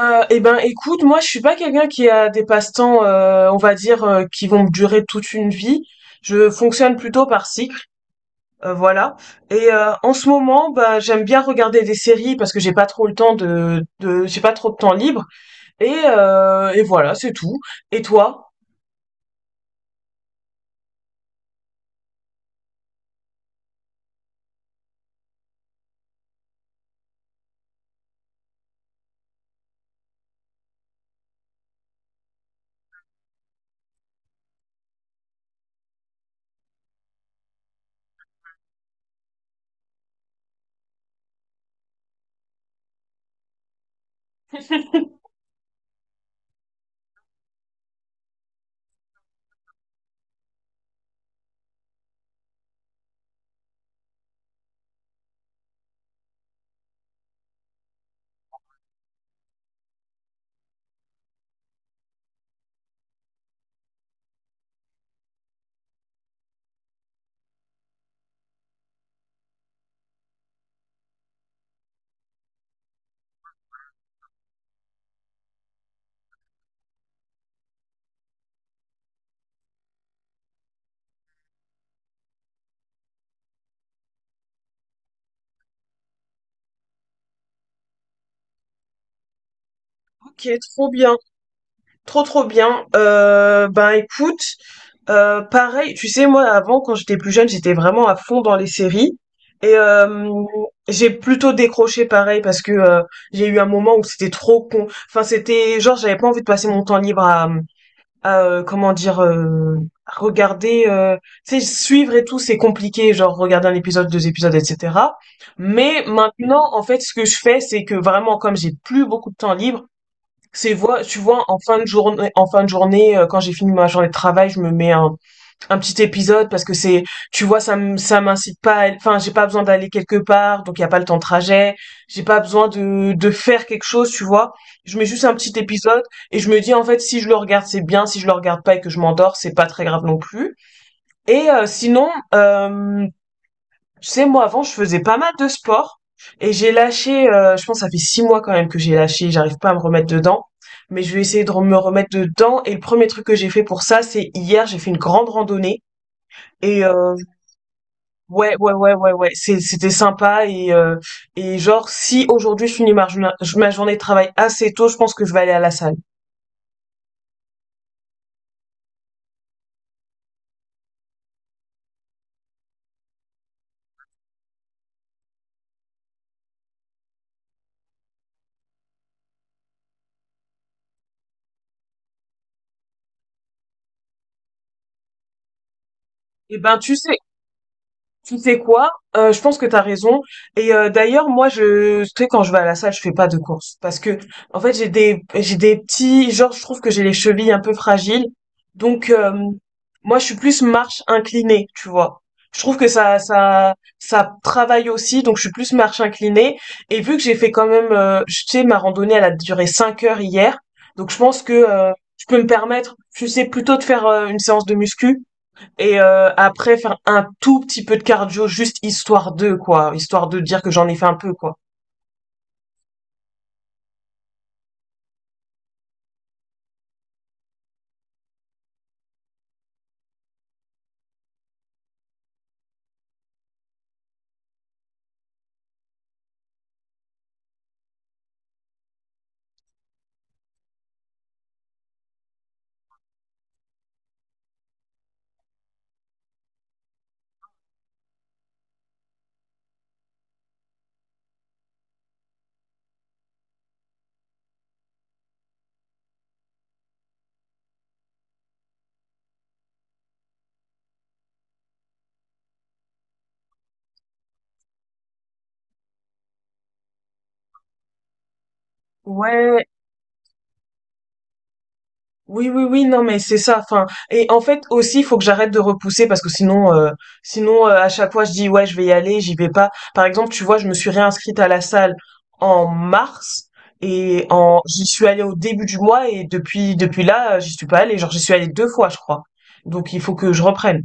Eh ben, écoute, moi, je suis pas quelqu'un qui a des passe-temps, on va dire, qui vont me durer toute une vie. Je fonctionne plutôt par cycle, voilà. En ce moment, bah, j'aime bien regarder des séries parce que j'ai pas trop de temps libre. Et voilà, c'est tout. Et toi? Ok, trop bien, trop trop bien. Ben, écoute. Pareil, tu sais, moi avant, quand j'étais plus jeune, j'étais vraiment à fond dans les séries. Et euh, j'ai plutôt décroché pareil parce que j'ai eu un moment où c'était trop con. Enfin, c'était genre j'avais pas envie de passer mon temps libre à, comment dire, à regarder, tu sais, suivre et tout, c'est compliqué. Genre regarder un épisode, deux épisodes, etc. Mais maintenant, en fait, ce que je fais, c'est que vraiment, comme j'ai plus beaucoup de temps libre, tu vois, en fin de journée, quand j'ai fini ma journée de travail, je me mets un petit épisode, parce que c'est tu vois, ça m'incite pas enfin j'ai pas besoin d'aller quelque part, donc il y a pas le temps de trajet, j'ai pas besoin de faire quelque chose, tu vois, je mets juste un petit épisode. Et je me dis, en fait, si je le regarde c'est bien, si je le regarde pas et que je m'endors c'est pas très grave non plus. Sinon, tu sais, moi avant je faisais pas mal de sport, et j'ai lâché. Je pense que ça fait 6 mois quand même que j'ai lâché, j'arrive pas à me remettre dedans, mais je vais essayer de me remettre dedans. Et le premier truc que j'ai fait pour ça, c'est hier j'ai fait une grande randonnée. et euh, Ouais, ouais, ouais, ouais, ouais. C'était sympa. Et genre si aujourd'hui je finis ma journée de travail assez tôt, je pense que je vais aller à la salle. Eh ben, tu sais. Tu sais quoi? Je pense que t'as raison. D'ailleurs, moi, tu sais, quand je vais à la salle je fais pas de course parce que, en fait, j'ai des petits, genre, je trouve que j'ai les chevilles un peu fragiles. Donc, moi, je suis plus marche inclinée, tu vois. Je trouve que ça travaille aussi. Donc, je suis plus marche inclinée. Et vu que j'ai fait quand même, tu sais, ma randonnée, elle a duré 5 heures hier. Donc, je pense que je peux me permettre, tu sais, plutôt de faire une séance de muscu, et après faire un tout petit peu de cardio, juste histoire de quoi, histoire de dire que j'en ai fait un peu quoi. Ouais, oui, oui, oui, non, mais c'est ça. Enfin, et en fait aussi, il faut que j'arrête de repousser parce que sinon à chaque fois, je dis ouais, je vais y aller, j'y vais pas. Par exemple, tu vois, je me suis réinscrite à la salle en mars, et en j'y suis allée au début du mois, et depuis là, j'y suis pas allée. Genre, j'y suis allée deux fois, je crois. Donc, il faut que je reprenne.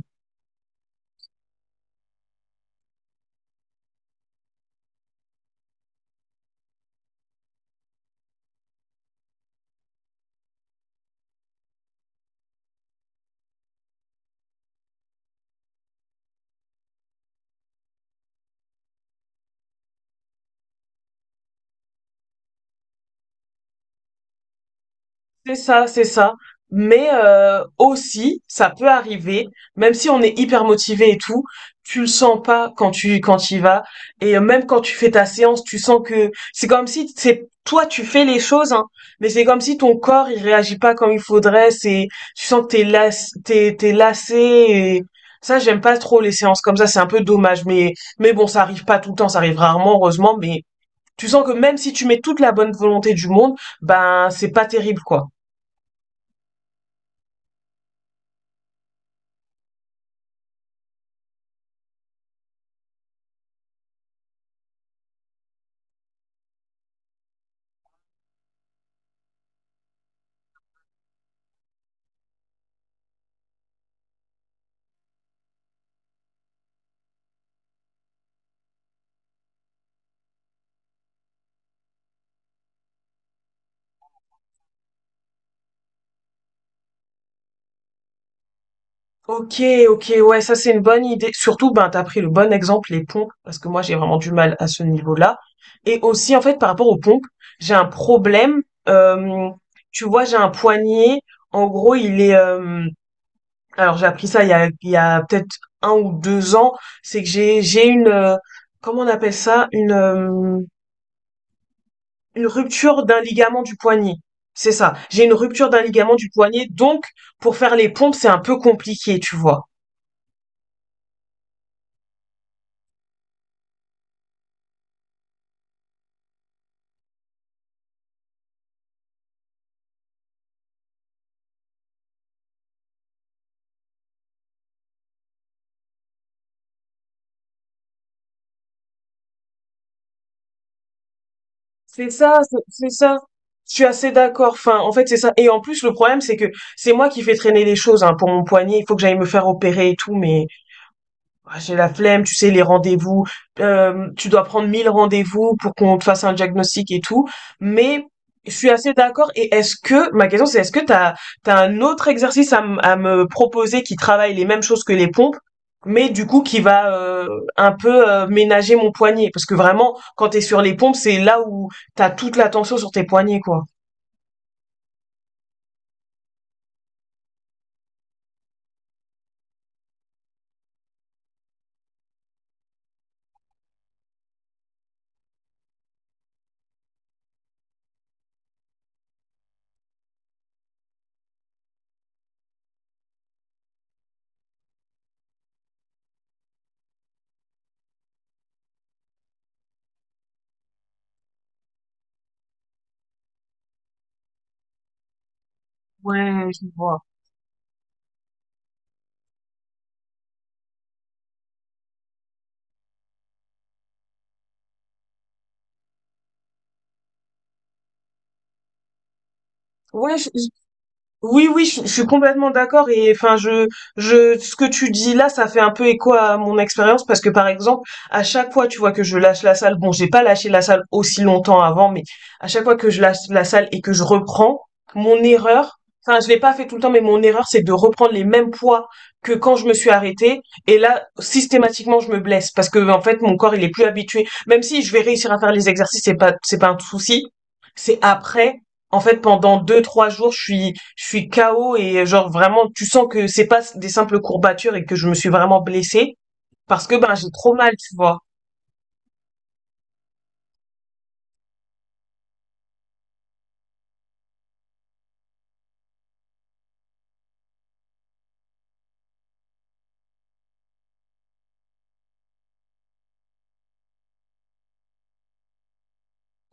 C'est ça, c'est ça. Mais aussi, ça peut arriver, même si on est hyper motivé et tout, tu le sens pas quand tu y vas. Même quand tu fais ta séance, tu sens que c'est comme si c'est toi tu fais les choses, hein, mais c'est comme si ton corps il réagit pas comme il faudrait. C'est Tu sens que t'es lassé. Et ça, j'aime pas trop les séances comme ça. C'est un peu dommage, mais bon, ça arrive pas tout le temps, ça arrive rarement heureusement, mais tu sens que même si tu mets toute la bonne volonté du monde, ben c'est pas terrible quoi. Ok, ok, ouais, ça c'est une bonne idée. Surtout, ben, t'as pris le bon exemple, les pompes, parce que moi j'ai vraiment du mal à ce niveau-là. Et aussi, en fait, par rapport aux pompes, j'ai un problème. euh, Tu vois, j'ai un poignet. En gros, il est, alors j'ai appris ça il y a peut-être 1 ou 2 ans, c'est que j'ai une, comment on appelle ça, une, une rupture d'un ligament du poignet. C'est ça. J'ai une rupture d'un ligament du poignet, donc pour faire les pompes c'est un peu compliqué, tu vois. C'est ça, c'est ça. Je suis assez d'accord. Enfin, en fait, c'est ça. Et en plus, le problème c'est que c'est moi qui fais traîner les choses, hein, pour mon poignet. Il faut que j'aille me faire opérer et tout, mais, ah, j'ai la flemme, tu sais, les rendez-vous. Tu dois prendre 1000 rendez-vous pour qu'on te fasse un diagnostic et tout. Mais je suis assez d'accord. Ma question c'est, est-ce que t'as un autre exercice à me proposer qui travaille les mêmes choses que les pompes, mais du coup qui va, un peu, ménager mon poignet? Parce que vraiment, quand t'es sur les pompes, c'est là où t'as toute l'attention sur tes poignets, quoi. Ouais, je vois. Ouais, je, Oui, oui, je suis complètement d'accord. Et enfin, je ce que tu dis là, ça fait un peu écho à mon expérience, parce que par exemple, à chaque fois tu vois que je lâche la salle, bon, j'ai pas lâché la salle aussi longtemps avant, mais à chaque fois que je lâche la salle et que je reprends, mon erreur, enfin je l'ai pas fait tout le temps, mais mon erreur c'est de reprendre les mêmes poids que quand je me suis arrêtée. Et là, systématiquement, je me blesse parce que en fait mon corps il est plus habitué. Même si je vais réussir à faire les exercices, c'est pas un souci, c'est après, en fait, pendant 2, 3 jours, je suis KO et genre vraiment, tu sens que c'est pas des simples courbatures et que je me suis vraiment blessée parce que ben, j'ai trop mal, tu vois.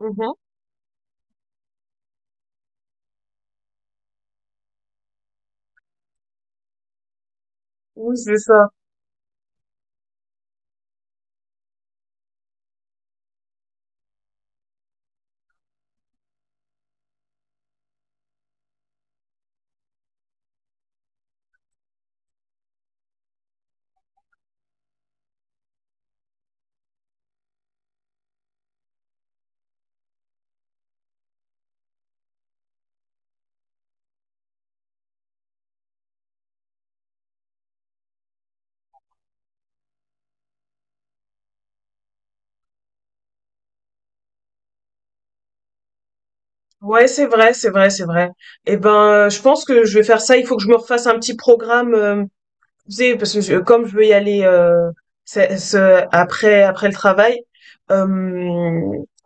Mhm. Oui, c'est ça. Ouais, c'est vrai, c'est vrai, c'est vrai. Eh ben, je pense que je vais faire ça. Il faut que je me refasse un petit programme. Tu sais, parce que comme je veux y aller, après le travail, euh,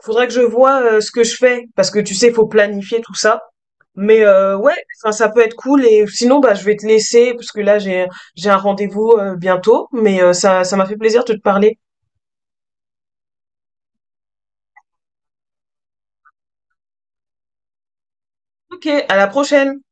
faudrait que je vois ce que je fais, parce que tu sais, faut planifier tout ça. Mais ouais, enfin ça peut être cool. Et sinon, bah, je vais te laisser parce que là j'ai un rendez-vous bientôt. Mais ça m'a fait plaisir de te parler. Ok, à la prochaine.